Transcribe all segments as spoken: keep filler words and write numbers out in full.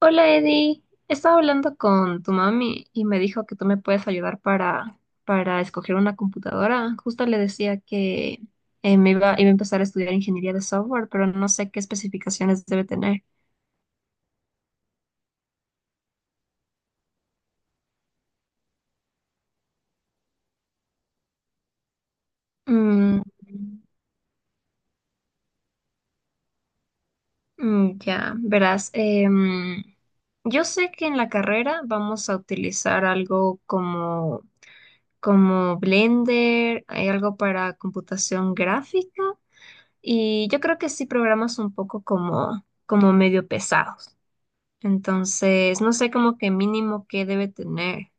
Hola Eddie, estaba hablando con tu mami y me dijo que tú me puedes ayudar para, para escoger una computadora. Justo le decía que eh, me iba, iba a empezar a estudiar ingeniería de software, pero no sé qué especificaciones debe tener. Mm, mm, ya, verás. Em, yo sé que en la carrera vamos a utilizar algo como, como Blender, hay algo para computación gráfica. Y yo creo que sí programas un poco como, como medio pesados. Entonces, no sé como que mínimo que debe tener.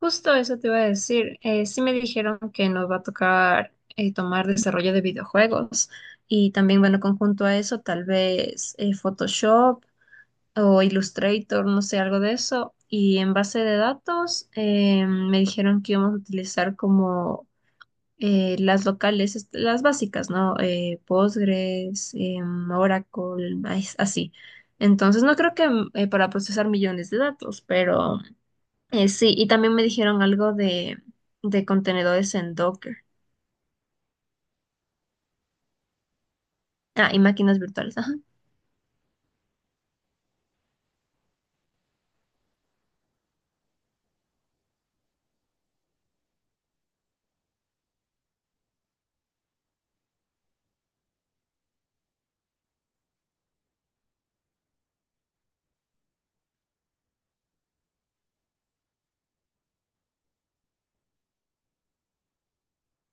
Justo eso te iba a decir. Eh, sí me dijeron que nos va a tocar eh, tomar desarrollo de videojuegos. Y también, bueno, conjunto a eso, tal vez eh, Photoshop o Illustrator, no sé, algo de eso. Y en base de datos, eh, me dijeron que íbamos a utilizar como eh, las locales, est- las básicas, ¿no? Eh, Postgres, em, Oracle, es así. Entonces, no creo que mm, eh, para procesar millones de datos, pero eh, sí, y también me dijeron algo de, de contenedores en Docker. Ah, y máquinas virtuales, ajá.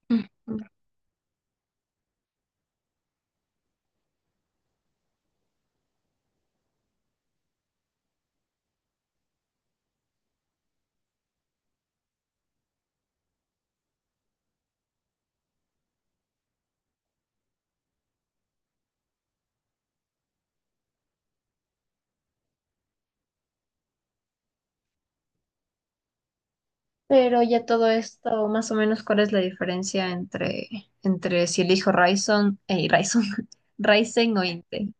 Ujú. Pero ya todo esto, más o menos, ¿cuál es la diferencia entre, entre si elijo Ryzen, eh, Ryzen, Ryzen o Intel?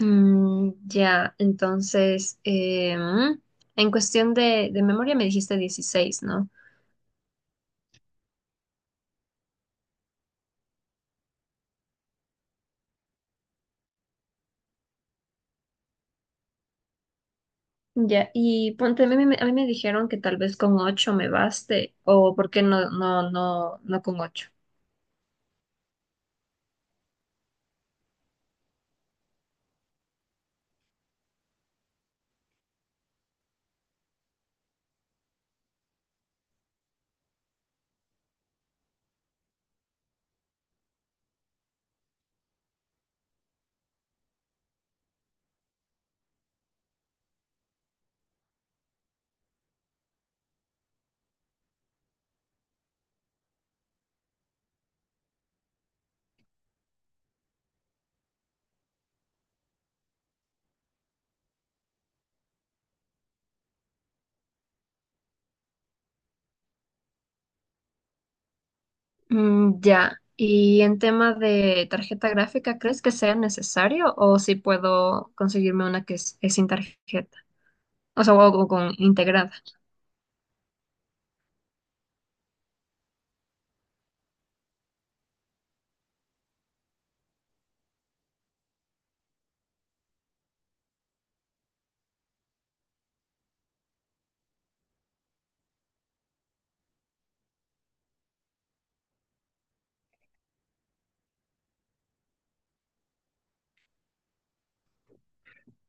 Mm, ya, entonces, em, en cuestión de, de memoria me dijiste dieciséis, ¿no? Ya, y ponte, a mí, me a mí me dijeron que tal vez con ocho me baste, o por qué no, no, no, no con ocho. Mm, ya, y en tema de tarjeta gráfica, ¿crees que sea necesario o si puedo conseguirme una que es, es sin tarjeta? O sea, o, o con integrado.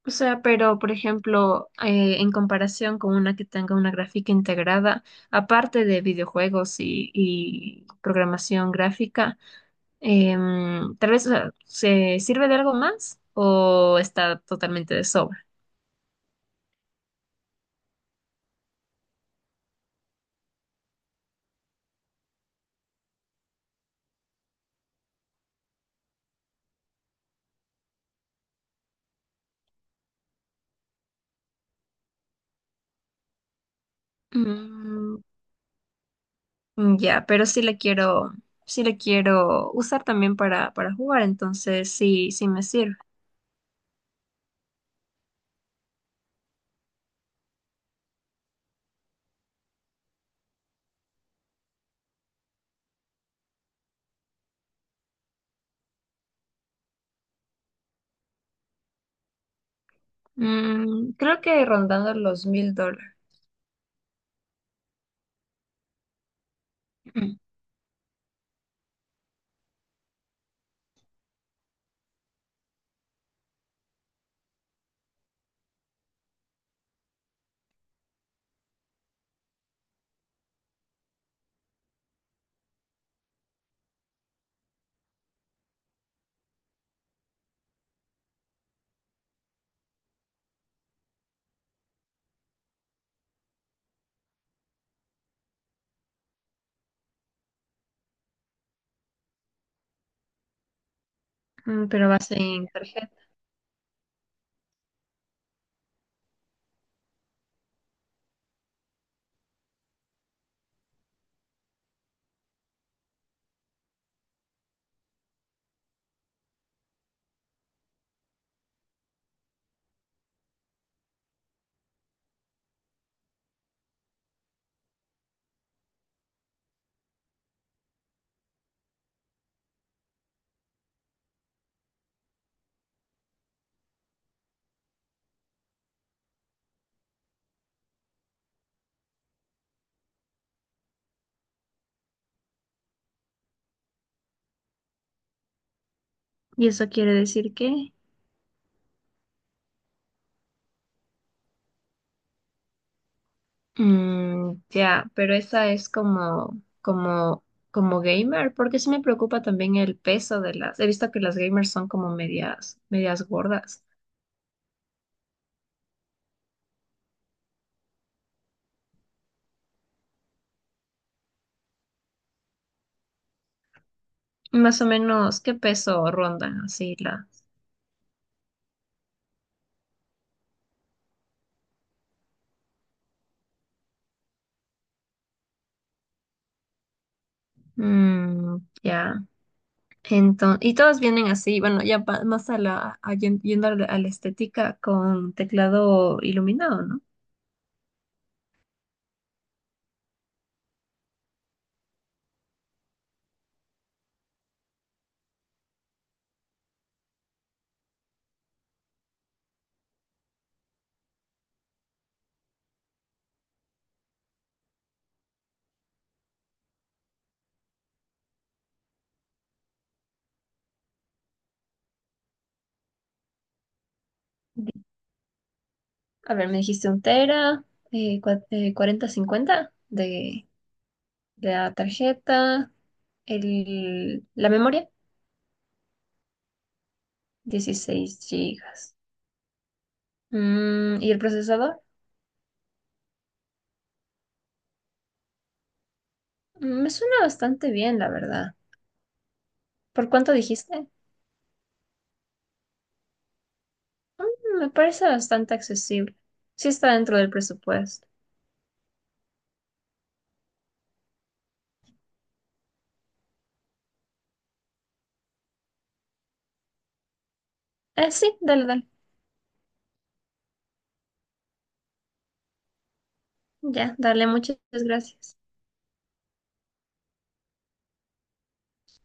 O sea, pero por ejemplo, eh, en comparación con una que tenga una gráfica integrada, aparte de videojuegos y, y programación gráfica, em, tal vez o sea, se sirve de algo más o está totalmente de sobra. Mm, ya, pero sí le quiero, sí le quiero usar también para, para jugar, entonces sí, sí me sirve. Mm, creo que rondando los mil dólares. Mm, pero va a ser en tarjeta. ¿Y eso quiere decir que? Mm, ya, pero esa es como, como, como gamer, porque sí me preocupa también el peso de las. He visto que las gamers son como medias, medias gordas. Más o menos, ¿qué peso rondan así las? Mm, ya. Entonces, y todas vienen así, bueno, ya pa- más a la, a yen- yendo a la, a la estética con teclado iluminado, ¿no? A ver, me dijiste un tera, eh, cua- eh, cuarenta, cincuenta de, la tarjeta, el, la memoria, dieciséis gigas. Mm. ¿Y el procesador? Mm. Me suena bastante bien, la verdad. ¿Por cuánto dijiste? Mm, me parece bastante accesible. Sí está dentro del presupuesto. Eh, sí, dale, dale. Ya, dale, muchas gracias.